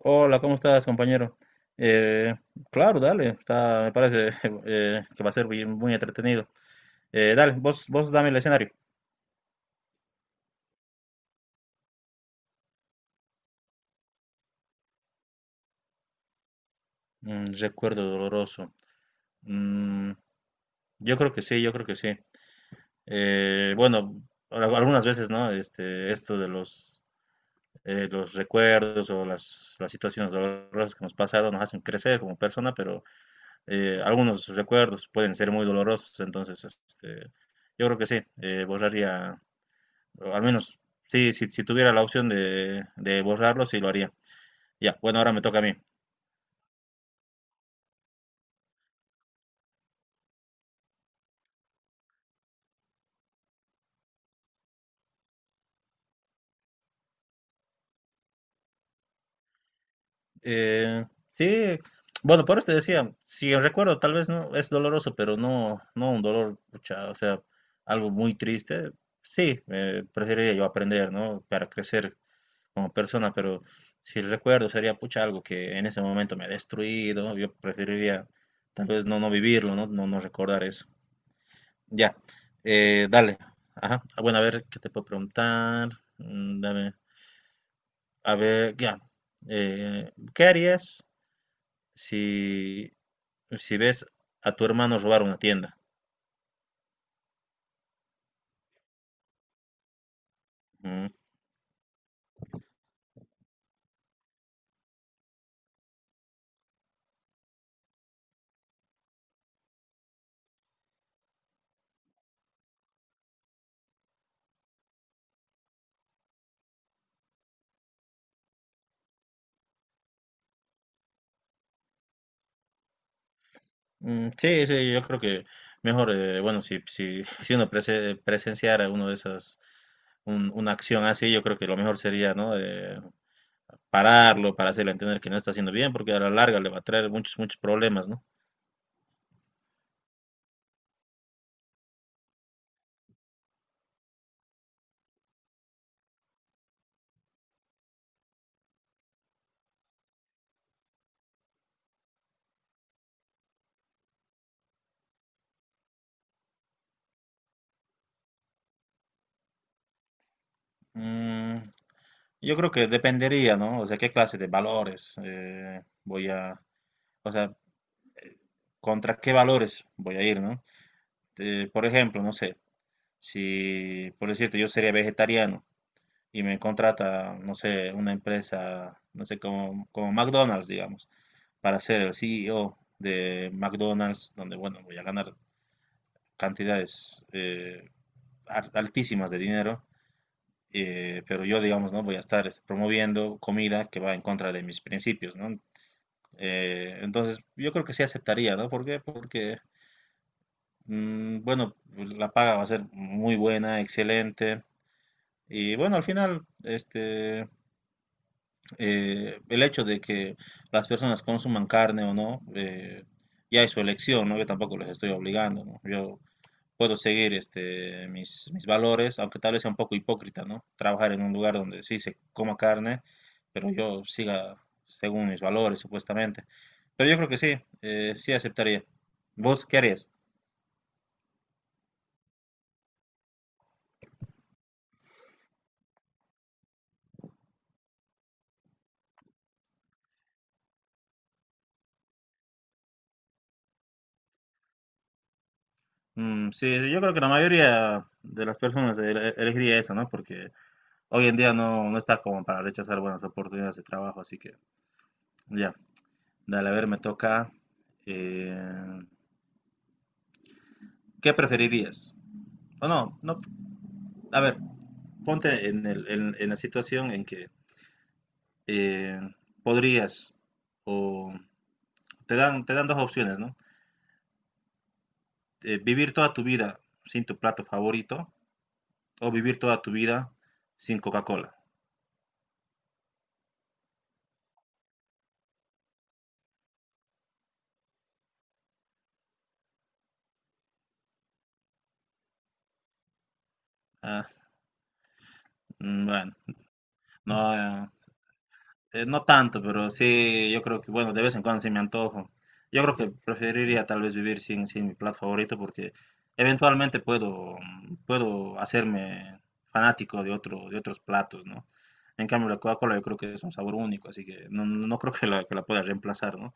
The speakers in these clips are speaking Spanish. Hola, ¿cómo estás, compañero? Eh, claro, dale, está, me parece que va a ser muy entretenido. Dale, vos dame el escenario. Mm, recuerdo doloroso. Mm, yo creo que sí. Bueno, algunas veces, ¿no? Este, los recuerdos o las situaciones dolorosas que hemos pasado nos hacen crecer como persona, pero algunos recuerdos pueden ser muy dolorosos, entonces, este, yo creo que sí, borraría. O al menos, sí, si tuviera la opción de borrarlo, sí lo haría. Ya, bueno, ahora me toca a mí. Eh, sí, bueno, por eso te decía, si recuerdo, tal vez no es doloroso, pero no, no un dolor, pucha, o sea, algo muy triste. Sí, preferiría yo aprender, ¿no? Para crecer como persona, pero si recuerdo sería, pucha, algo que en ese momento me ha destruido. Yo preferiría tal vez no, no vivirlo, ¿no? No, no recordar eso. Ya, dale. Ajá. Ah, bueno, a ver, ¿qué te puedo preguntar? Mm, dame. A ver, ya. ¿Qué harías si, si ves a tu hermano robar una tienda? Mm, mm, sí, sí, yo creo que mejor, bueno, si, si, si uno presenciara uno de esas, una acción así, yo creo que lo mejor sería, ¿no? Pararlo para hacerle entender que no está haciendo bien, porque a la larga le va a traer muchos, muchos problemas, ¿no? Mm, yo creo que dependería, ¿no? O sea, qué clase de valores voy a, o sea, contra qué valores voy a ir, ¿no? Por ejemplo, no sé, si, por decirte, yo sería vegetariano y me contrata, no sé, una empresa, no sé, como, como McDonald's, digamos, para ser el CEO de McDonald's, donde, bueno, voy a ganar cantidades altísimas de dinero, pero yo, digamos, no voy a estar este, promoviendo comida que va en contra de mis principios, ¿no? Entonces, yo creo que sí aceptaría, ¿no? ¿Por qué? Porque, mm, bueno, pues, la paga va a ser muy buena, excelente. Y bueno, al final, este, el hecho de que las personas consuman carne o no, ya es su elección, ¿no? Yo tampoco les estoy obligando, ¿no? Yo puedo seguir este, mis valores, aunque tal vez sea un poco hipócrita, ¿no? Trabajar en un lugar donde sí se coma carne, pero yo siga según mis valores, supuestamente. Pero yo creo que sí, sí aceptaría. ¿Vos qué harías? Mm, sí, sí, yo creo que la mayoría de las personas elegiría eso, ¿no? Porque hoy en día no, no está como para rechazar buenas oportunidades de trabajo, así que ya, dale, a ver, me toca. eh, ¿Qué preferirías? O no, no, a ver, ponte en, en la situación en que eh, podrías, o te dan dos opciones, ¿no? Vivir toda tu vida sin tu plato favorito o vivir toda tu vida sin Coca-Cola. Ah, mm, bueno, no, no tanto, pero sí, yo creo que, bueno, de vez en cuando sí me antojo. Yo creo que preferiría tal vez vivir sin, sin mi plato favorito porque eventualmente puedo, mm, puedo hacerme fanático de otro, de otros platos, ¿no? En cambio, la Coca-Cola yo creo que es un sabor único, así que no, no creo que la pueda reemplazar, ¿no?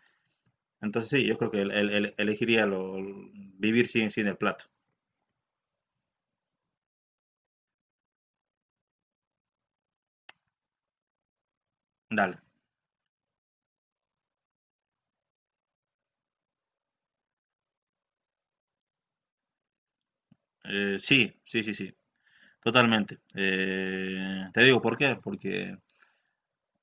Entonces sí, yo creo que elegiría lo, vivir sin, sin el plato. Dale. Sí, sí, sí, sí, totalmente. Te digo por qué, porque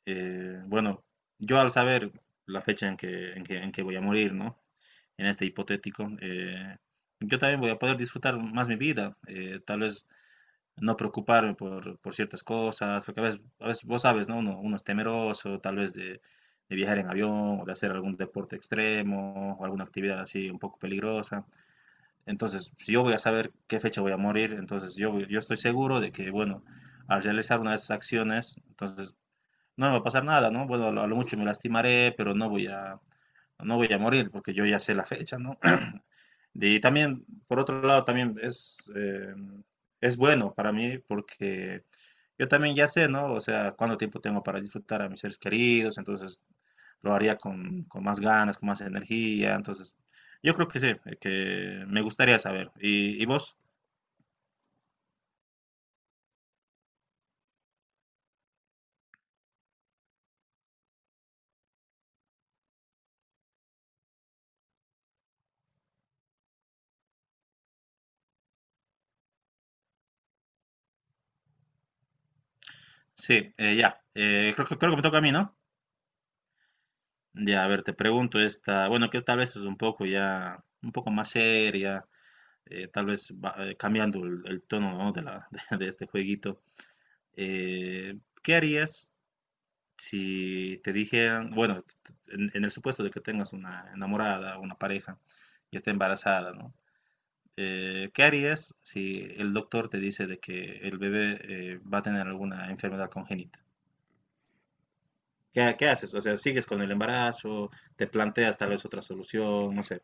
bueno, yo al saber la fecha en que, en que, en que voy a morir, ¿no? En este hipotético, yo también voy a poder disfrutar más mi vida, tal vez no preocuparme por ciertas cosas, porque a veces vos sabes, ¿no? Uno, uno es temeroso, tal vez de viajar en avión o de hacer algún deporte extremo o alguna actividad así un poco peligrosa. Entonces, si yo voy a saber qué fecha voy a morir, entonces yo estoy seguro de que, bueno, al realizar una de esas acciones, entonces no me va a pasar nada, ¿no? Bueno, a lo mucho me lastimaré, pero no voy a, no voy a morir porque yo ya sé la fecha, ¿no? Y también, por otro lado, también es bueno para mí porque yo también ya sé, ¿no? O sea, cuánto tiempo tengo para disfrutar a mis seres queridos, entonces lo haría con más ganas, con más energía, entonces yo creo que sí, que me gustaría saber. Y vos? Sí, ya, creo, creo que me toca a mí, ¿no? Ya, a ver, te pregunto esta, bueno, que tal vez es un poco ya, un poco más seria, tal vez cambiando el tono, ¿no? De la, de, este jueguito. Eh, ¿Qué harías si te dijeran, bueno, en el supuesto de que tengas una enamorada, una pareja y está embarazada, ¿no? ¿Qué harías si el doctor te dice de que el bebé va a tener alguna enfermedad congénita? ¿Qué, qué haces? O sea, ¿sigues con el embarazo? ¿Te planteas tal vez otra solución? No sé.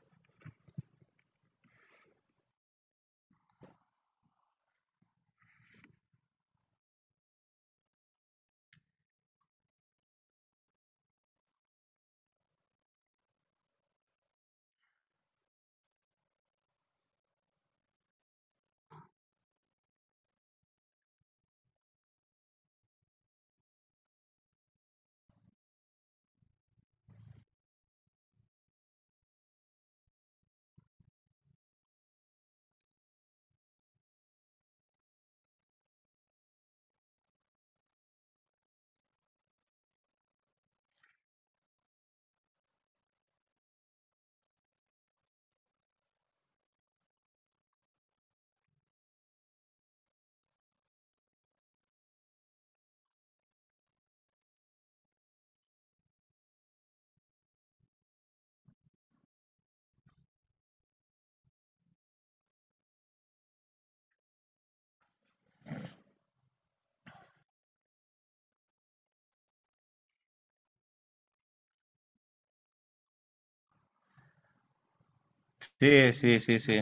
Sí, sí, sí, sí.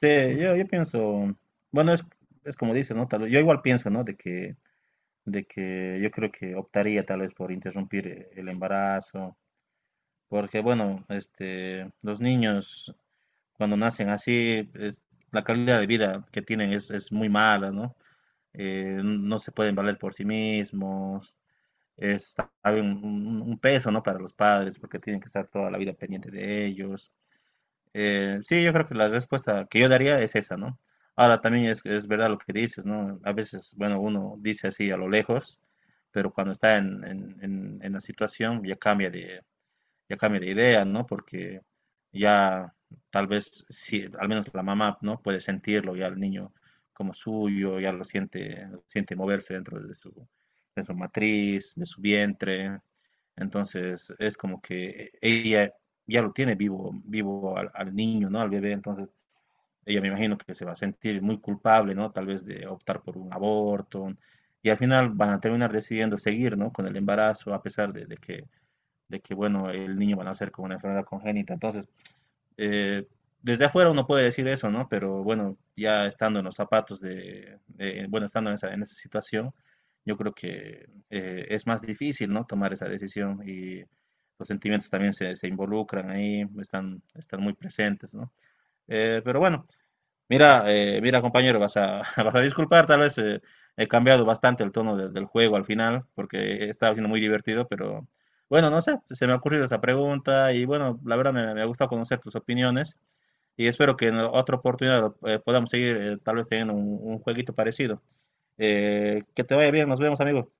Sí, yo pienso, bueno, es como dices, ¿no? Tal, yo igual pienso, ¿no? De que yo creo que optaría tal vez por interrumpir el embarazo, porque bueno, este, los niños cuando nacen así, es, la calidad de vida que tienen es muy mala, ¿no? Eh, no se pueden valer por sí mismos, es tal vez un, un peso, ¿no? Para los padres, porque tienen que estar toda la vida pendiente de ellos. Sí, yo creo que la respuesta que yo daría es esa, ¿no? Ahora también es verdad lo que dices, ¿no? A veces, bueno, uno dice así a lo lejos, pero cuando está en, en la situación ya cambia de idea, ¿no? Porque ya tal vez, sí, al menos la mamá, ¿no? Puede sentirlo ya el niño como suyo, ya lo siente moverse dentro de su matriz, de su vientre. Entonces es como que ella ya lo tiene vivo, vivo al, al niño, ¿no? Al bebé. Entonces ella me imagino que se va a sentir muy culpable, ¿no? Tal vez de optar por un aborto. Y al final van a terminar decidiendo seguir, ¿no? Con el embarazo, a pesar de que, bueno, el niño va a nacer con una enfermedad congénita. Entonces, eh, desde afuera uno puede decir eso, ¿no? Pero bueno, ya estando en los zapatos de, bueno, estando en esa situación, yo creo que es más difícil, ¿no? Tomar esa decisión y los sentimientos también se involucran ahí, están, están muy presentes, ¿no? Pero bueno, mira, mira compañero, vas a, vas a disculpar, tal vez he cambiado bastante el tono del juego al final, porque estaba siendo muy divertido, pero bueno, no sé, se me ha ocurrido esa pregunta y bueno, la verdad me, me ha gustado conocer tus opiniones y espero que en otra oportunidad podamos seguir tal vez teniendo un jueguito parecido. Que te vaya bien, nos vemos, amigo.